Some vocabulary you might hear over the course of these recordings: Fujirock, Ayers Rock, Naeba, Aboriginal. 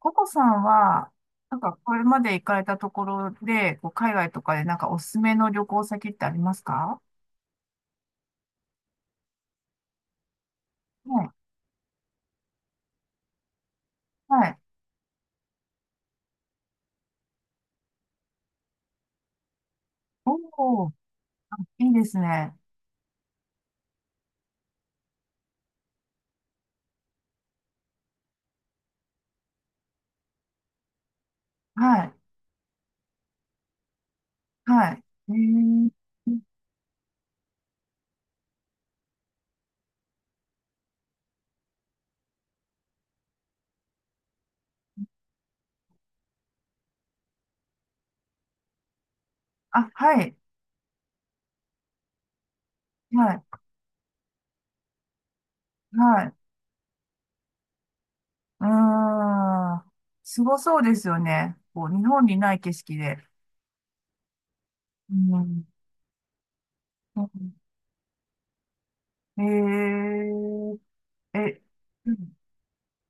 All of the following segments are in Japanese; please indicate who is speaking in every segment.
Speaker 1: ココさんは、なんかこれまで行かれたところで、こう海外とかでなんかおすすめの旅行先ってありますか？はい。はい。おー、あ、いいですね。はい。はい。えー、あ、はい。はい。はい。うーん。すごそうですよね。こう、日本にない景色で。うん。うん、えー、え、うん、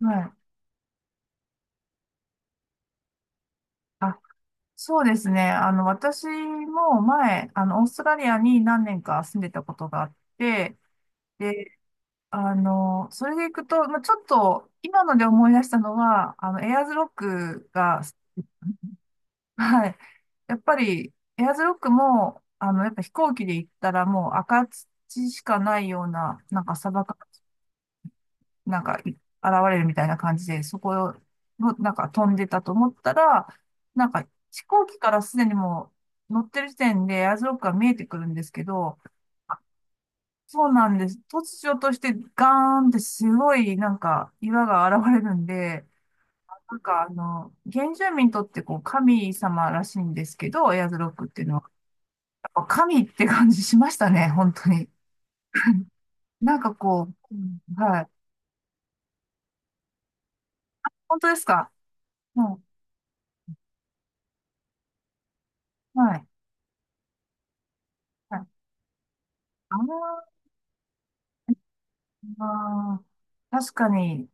Speaker 1: はい。あ、そうですね。私も前、オーストラリアに何年か住んでたことがあって、で、それで行くと、まあ、ちょっと、今ので思い出したのは、エアーズロックが、はい。やっぱり、エアーズロックも、やっぱ飛行機で行ったらもう赤土しかないような、なんか砂漠なんか、現れるみたいな感じで、そこを、なんか飛んでたと思ったら、なんか、飛行機からすでにもう乗ってる時点でエアーズロックが見えてくるんですけど、そうなんです。突如としてガーンってすごいなんか岩が現れるんで、なんか原住民にとってこう神様らしいんですけど、エアーズロックっていうのは。やっぱ神って感じしましたね、本当に。なんかこう、うん、はい。本当ですか？うん、はい。はい。ああ、あ、確かに、ち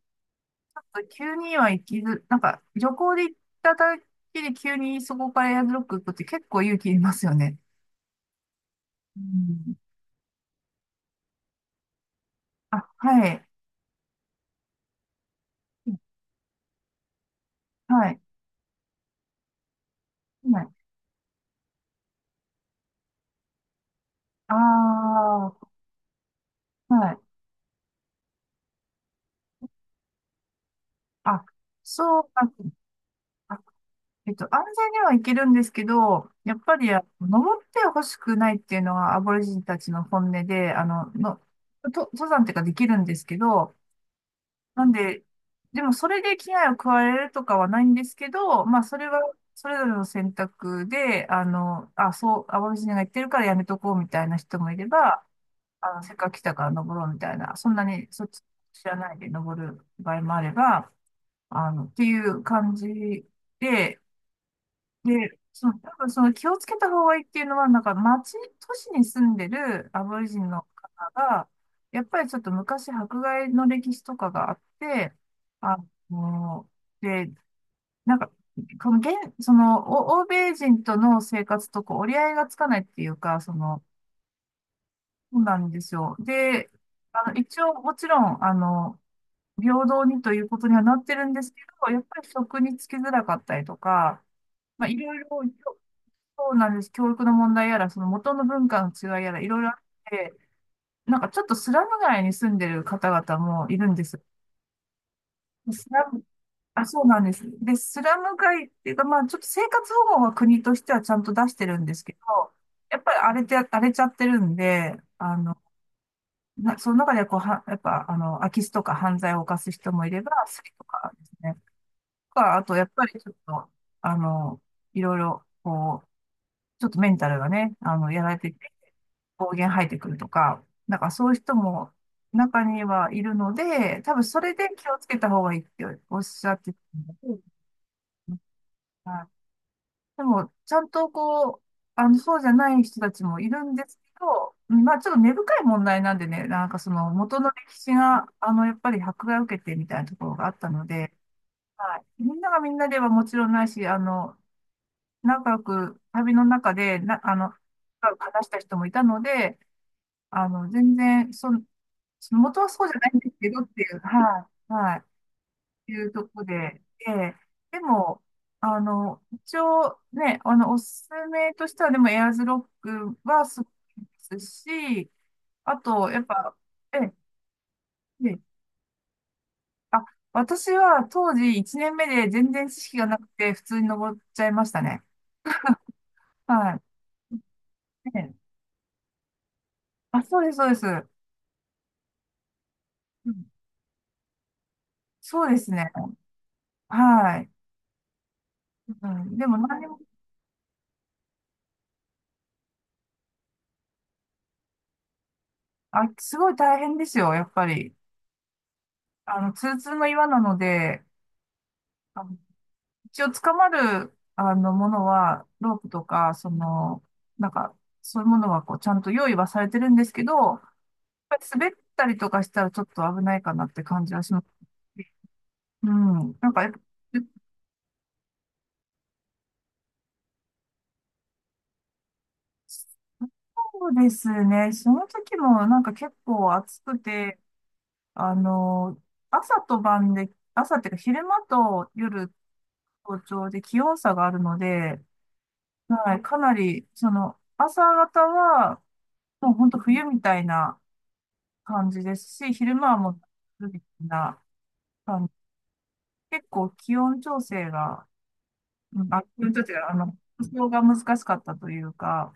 Speaker 1: ょっと急には行きず、なんか旅行で行っただけで急にそこからエアドロップ行くって結構勇気いりますよね。うん。あ、はい。はい。はい。ああ、はい。あ、そうか。あ、安全には行けるんですけど、やっぱり、登ってほしくないっていうのがアボリジニたちの本音で、と登山っていうかできるんですけど、なんで、でもそれで危害を加えるとかはないんですけど、まあそれはそれぞれの選択で、あ、そう、淡路島が言ってるからやめとこうみたいな人もいれば、せっかく来たから登ろうみたいな、そんなにそっち知らないで登る場合もあれば、っていう感じで、で、そう、多分その気をつけた方がいいっていうのは、なんか町、都市に住んでるアボリジンの方が、やっぱりちょっと昔迫害の歴史とかがあって、あの、で、なんか、この現、その、お欧米人との生活とこう折り合いがつかないっていうか、その、そうなんですよ。で、一応もちろん、平等にということにはなってるんですけど、やっぱり職に就きづらかったりとか、まあ、いろいろそうなんです。教育の問題やら、その元の文化の違いやら、いろいろあって、なんかちょっとスラム街に住んでる方々もいるんです。スラム、あ、そうなんです。で、スラム街っていうか、まあちょっと生活保護は国としてはちゃんと出してるんですけど、やっぱり荒れちゃってるんで、な、その中でこう、は、やっぱ、空き巣とか犯罪を犯す人もいれば、スリとかですね。とか、あと、やっぱりちょっと、あの、いろいろ、こう、ちょっとメンタルがね、やられて暴言吐いてくるとか、なんかそういう人も中にはいるので、多分それで気をつけた方がいいっておっしゃってたますはい。でも、ちゃんとこう、そうじゃない人たちもいるんですけど、うん、まあちょっと根深い問題なんでね、なんかその元の歴史が、やっぱり迫害を受けてみたいなところがあったので、はい、みんながみんなではもちろんないし、仲良く旅の中でな、話した人もいたので、全然、その、その元はそうじゃないんですけどっていう、はい、はい、いうとこで、で、でも、一応ね、おすすめとしては、でもエアーズロックはすごいですし、あと、やっぱ、ええ、あ、私は当時1年目で全然知識がなくて、普通に登っちゃいましたね。はい。ええ、あ、そうです、そうです。うん、そうですね。はい。うん、でも何にも、あ、すごい大変ですよ、やっぱり。ツルツルの岩なので、あの一応捕まる、ものは、ロープとか、その、なんか、そういうものは、こう、ちゃんと用意はされてるんですけど、やっぱり滑ったりとかしたらちょっと危ないかなって感じはします。うん。なんか、やっぱ、そうですね。その時も、なんか結構暑くて、あの、朝と晩で、朝っていうか昼間と夜、早朝で気温差があるので、はい、かなり、その、朝方は、もう本当冬みたいな感じですし、昼間はもう、ルビな感じ。結構気温調整が、うんあ、気温調整が、服装が難しかったというか、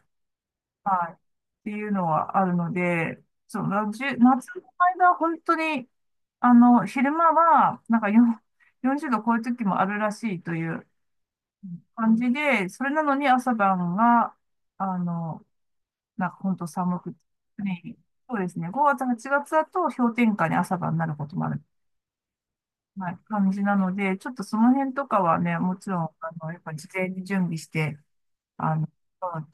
Speaker 1: はい、っていうのはあるので、その、じゅ夏の間は本当に、昼間は、なんか40度超える時もあるらしいという感じで、それなのに朝晩が、あの、なんか本当寒くて。はい、そうですね。5月、8月だと氷点下に朝晩になることもある、はい、感じなので、ちょっとその辺とかはね、もちろん、やっぱり事前に準備して、あの、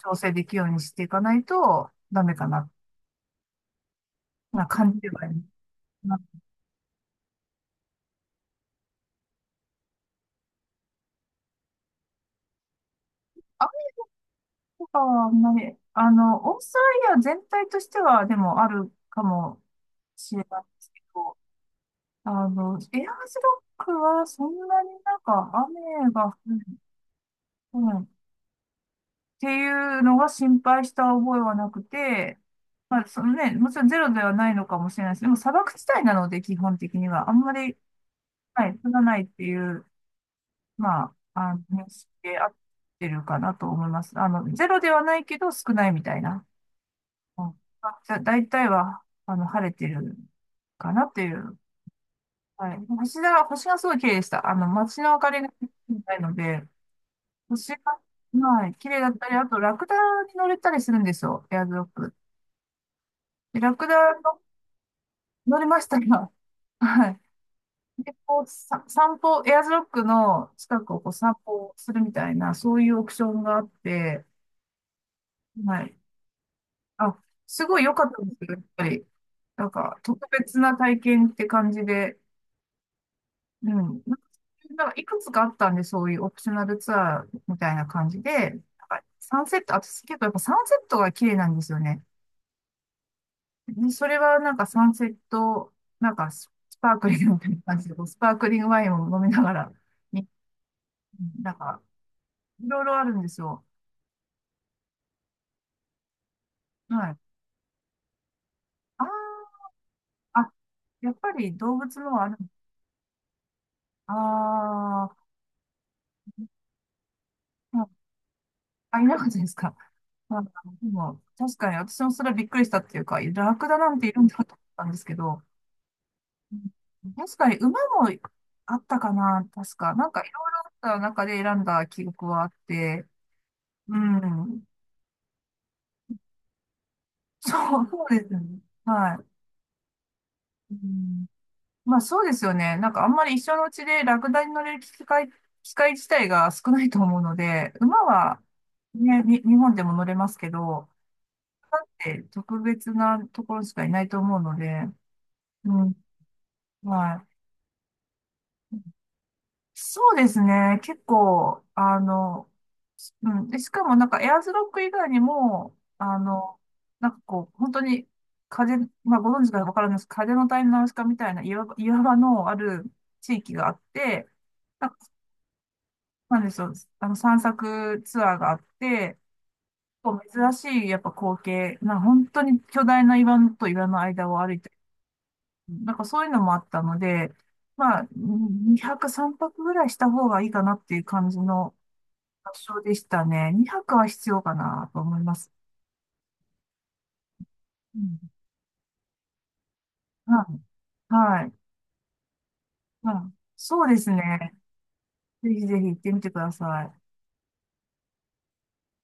Speaker 1: 調整できるようにしていかないとダメかな、な感じではいる。まあ、雨はあんまり、オーストラリア全体としては、でもあるかもしれないですけど、エアーズロックはそんなになんか雨が降る、うん、っていうのは心配した覚えはなくて、まあ、そのね、もちろんゼロではないのかもしれないです。でも砂漠地帯なので、基本的には。あんまり、はい、降らないっていう、まあ、認識で合ってるかなと思います。ゼロではないけど少ないみたいな。うん、じゃ大体は、晴れてるかなっていう。はい。星がすごい綺麗でした。街の明かりがないので、星が、はい、綺麗だったり、あとラクダに乗れたりするんですよ。エアドロップ。ラクダの乗りましたが、はい。で、こう、さ、散歩、エアーズロックの近くをこう散歩するみたいな、そういうオプションがあって、はい。あ、すごい良かったんですけど、やっぱり、なんか、特別な体験って感じで、うん。なんか、なんかいくつかあったんで、そういうオプショナルツアーみたいな感じで、なんかサンセット、私結構やっぱサンセットが綺麗なんですよね。ね、それはなんかサンセット、なんか、ス、スパークリングみたいな感じで、こうスパークリングワインを飲みながら、に、なんか、いろいろあるんですよ。はい。あー、あ、やっぱり動物のはある。あー、あ、あ、いなかったですか。なんか、でも、確かに私もそれはびっくりしたっていうか、ラクダなんているんだと思ったんですけど、うん、確かに馬もあったかな、確か。なんかいろいろあった中で選んだ記憶はあって、うん。そう、そうですよね。はい。うん、まあそうですよね。なんかあんまり一緒のうちでラクダに乗れる機会、機会自体が少ないと思うので、馬はね、日本でも乗れますけど、え、特別なところしかいないと思うので、うん、はい。そうですね。結構、うん。で、しかもなんかエアーズロック以外にも、なんかこう、本当に風、まあご存知かわからないです。風の谷のナウシカみたいな岩場のある地域があって、なんか、なんでしょう、散策ツアーがあって、こう珍しいやっぱ光景、まあ本当に巨大な岩と岩の間を歩いて、なんかそういうのもあったので、まあ、2泊3泊ぐらいした方がいいかなっていう感じの発症でしたね。2泊は必要かなと思います。うん、うん、はい。うん、そうですね。ぜひぜひ行ってみてください。